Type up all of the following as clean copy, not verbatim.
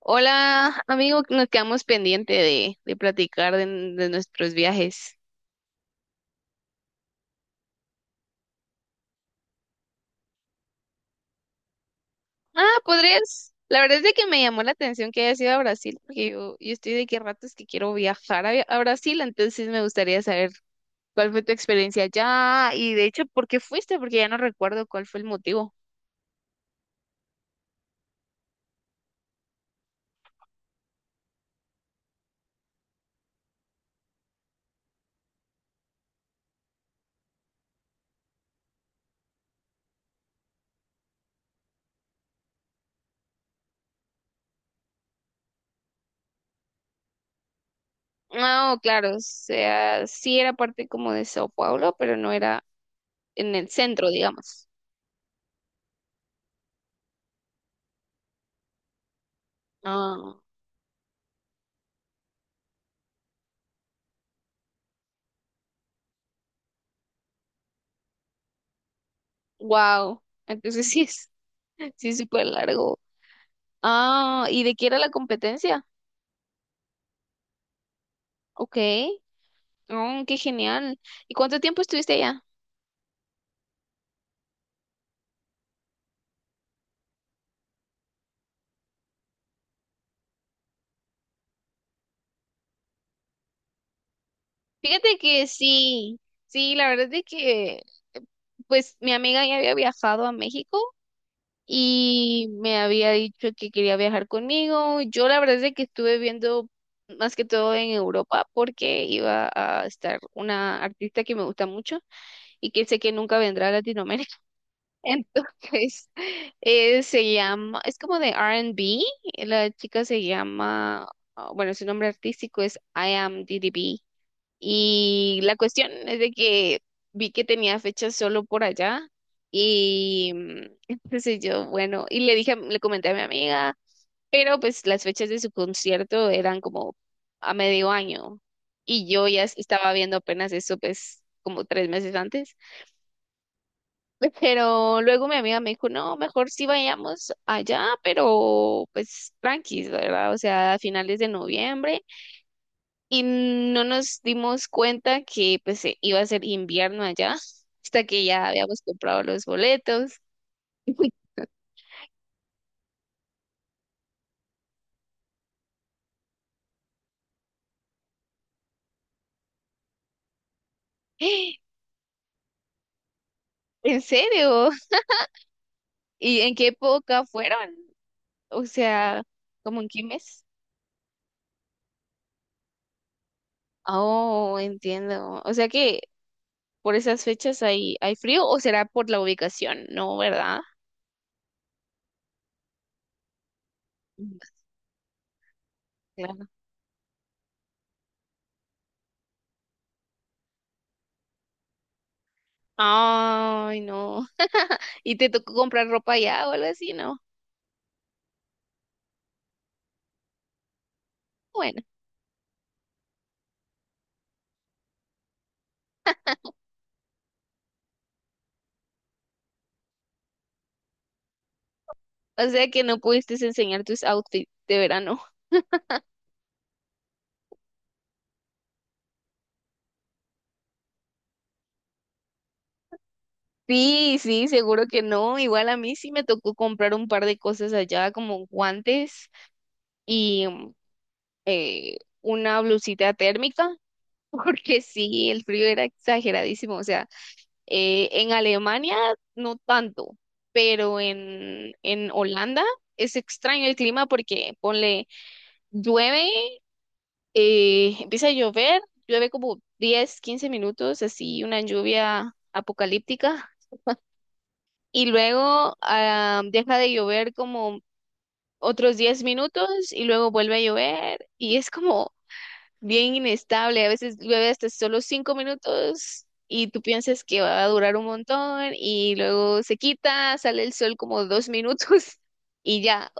Hola, amigo, nos quedamos pendiente de platicar de nuestros viajes. Ah, podrías. La verdad es de que me llamó la atención que hayas ido a Brasil, porque yo estoy de que ratos que quiero viajar a Brasil, entonces me gustaría saber cuál fue tu experiencia allá y de hecho, ¿por qué fuiste? Porque ya no recuerdo cuál fue el motivo. No, claro, o sea, sí era parte como de Sao Paulo, pero no era en el centro, digamos. Ah, wow. Entonces sí es súper largo. Ah, ¿y de qué era la competencia? Ok. Oh, qué genial. ¿Y cuánto tiempo estuviste allá? Fíjate que sí, sí, la verdad es de que pues mi amiga ya había viajado a México y me había dicho que quería viajar conmigo. Yo la verdad es de que estuve viendo más que todo en Europa porque iba a estar una artista que me gusta mucho y que sé que nunca vendrá a Latinoamérica. Entonces, se llama, es como de R y B. La chica se llama, ah, bueno, su nombre artístico es I Am DDB, y la cuestión es de que vi que tenía fechas solo por allá y entonces yo, bueno, y le dije, le comenté a mi amiga, pero pues las fechas de su concierto eran como a medio año y yo ya estaba viendo apenas eso pues como 3 meses antes. Pero luego mi amiga me dijo, no, mejor sí vayamos allá, pero pues tranquis, ¿verdad? O sea, a finales de noviembre. Y no nos dimos cuenta que pues iba a ser invierno allá, hasta que ya habíamos comprado los boletos. ¿En serio? ¿Y en qué época fueron? O sea, ¿como en qué mes? Oh, entiendo. O sea que por esas fechas hay frío o será por la ubicación, ¿no? ¿Verdad? Mm, claro. Ay, no. ¿Y te tocó comprar ropa allá o algo así? No. Bueno, o sea que no pudiste enseñar tus outfits de verano. Sí, sí, seguro que no. Igual a mí sí me tocó comprar un par de cosas allá, como guantes y una blusita térmica, porque sí, el frío era exageradísimo. O sea, en Alemania no tanto, pero en Holanda es extraño el clima porque ponle llueve. Empieza a llover, llueve como 10, 15 minutos, así una lluvia apocalíptica. Y luego deja de llover como otros 10 minutos y luego vuelve a llover. Y es como bien inestable. A veces llueve hasta solo 5 minutos y tú piensas que va a durar un montón y luego se quita, sale el sol como 2 minutos y ya.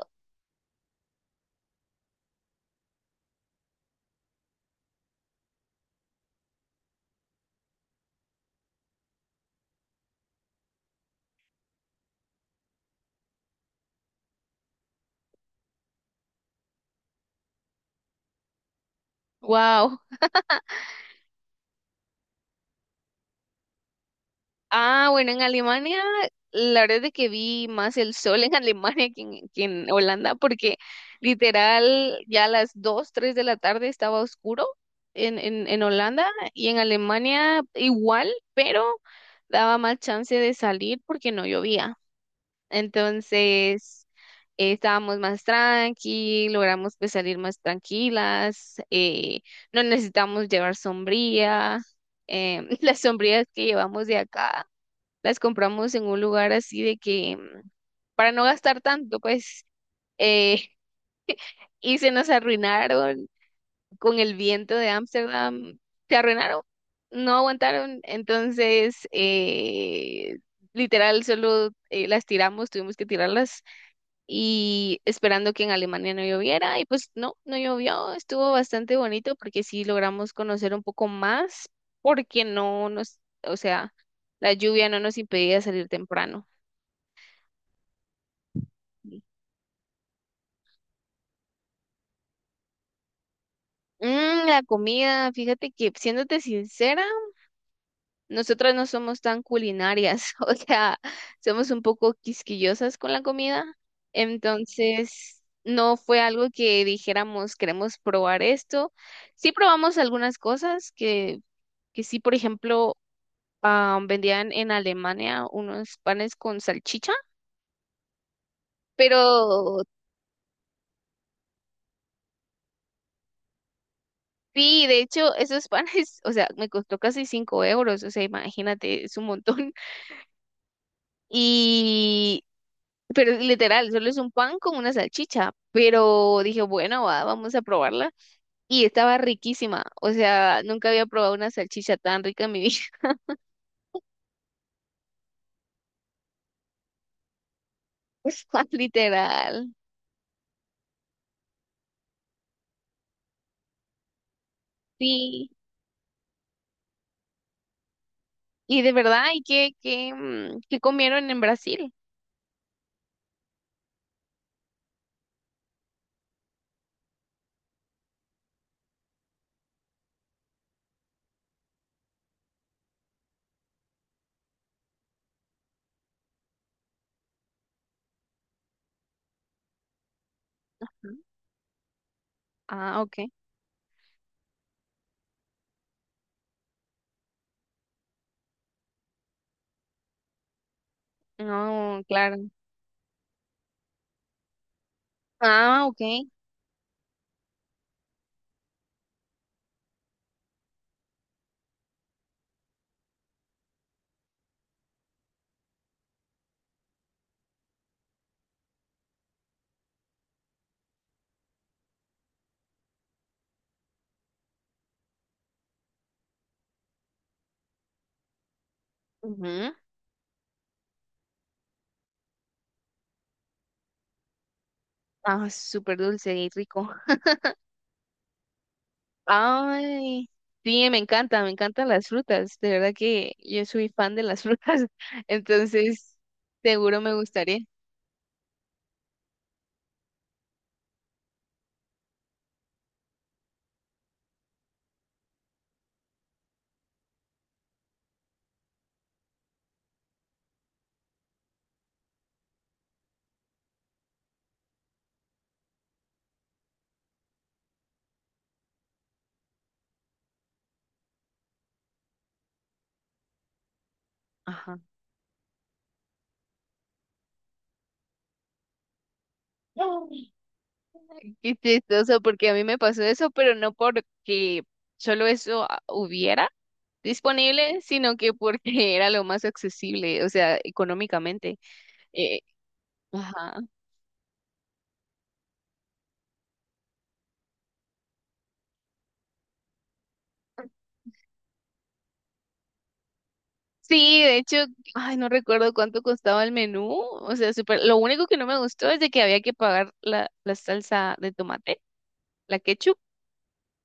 ¡Wow! Ah, bueno, en Alemania, la verdad es que vi más el sol en Alemania que en Holanda, porque literal ya a las 2, 3 de la tarde estaba oscuro en, en Holanda y en Alemania igual, pero daba más chance de salir porque no llovía. Entonces, estábamos más tranqui, logramos pues salir más tranquilas, no necesitamos llevar sombría, las sombrías que llevamos de acá las compramos en un lugar así de que para no gastar tanto, pues, eh, y se nos arruinaron con el viento de Ámsterdam, se arruinaron, no aguantaron, entonces, literal, solo las tiramos, tuvimos que tirarlas y esperando que en Alemania no lloviera, y pues no, no llovió, estuvo bastante bonito porque sí logramos conocer un poco más, porque no nos, o sea, la lluvia no nos impedía salir temprano. La comida, fíjate que, siéndote sincera, nosotras no somos tan culinarias, o sea, somos un poco quisquillosas con la comida, entonces no fue algo que dijéramos queremos probar esto. Sí probamos algunas cosas que sí, por ejemplo, vendían en Alemania unos panes con salchicha, pero sí, de hecho, esos panes, o sea, me costó casi cinco euros, o sea, imagínate, es un montón. Y Pero literal, solo es un pan con una salchicha. Pero dije, bueno, vamos a probarla. Y estaba riquísima. O sea, nunca había probado una salchicha tan rica en mi vida. Literal. Sí. Y de verdad, ¿y qué comieron en Brasil? Ah, ok. No, claro. Ah, ok. Ujú. Ah, súper dulce y rico. Ay, sí, me encantan las frutas. De verdad que yo soy fan de las frutas, entonces seguro me gustaría. Ajá. Ay, qué chistoso, porque a mí me pasó eso, pero no porque solo eso hubiera disponible, sino que porque era lo más accesible, o sea, económicamente. Eh, ajá. Sí, de hecho, ay, no recuerdo cuánto costaba el menú, o sea, súper, lo único que no me gustó es de que había que pagar la salsa de tomate. La ketchup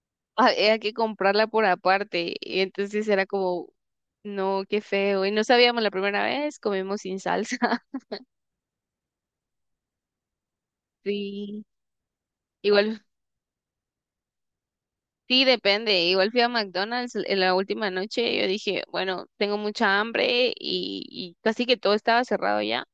había que comprarla por aparte. Y entonces era como, no, qué feo. Y no sabíamos la primera vez, comimos sin salsa. Sí, igual, sí, depende. Igual fui a McDonald's en la última noche. Yo dije, bueno, tengo mucha hambre y casi que todo estaba cerrado ya.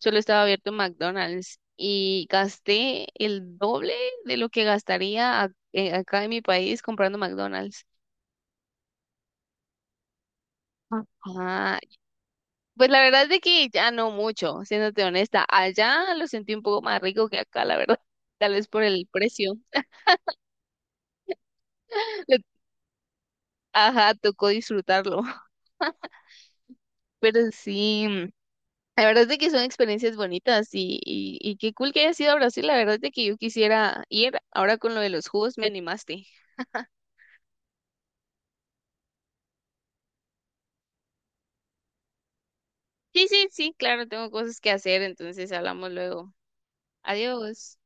Solo estaba abierto McDonald's. Y gasté el doble de lo que gastaría acá en mi país comprando McDonald's. ah Pues la verdad es de que ya no mucho, siéndote honesta. Allá lo sentí un poco más rico que acá, la verdad. Tal vez por el precio. Le- Ajá, tocó disfrutarlo. Pero sí, la verdad es de que son experiencias bonitas y qué cool que hayas ido a Brasil. La verdad es de que yo quisiera ir. Ahora con lo de los jugos me animaste. Sí, sí, sí, claro, tengo cosas que hacer, entonces hablamos luego. Adiós.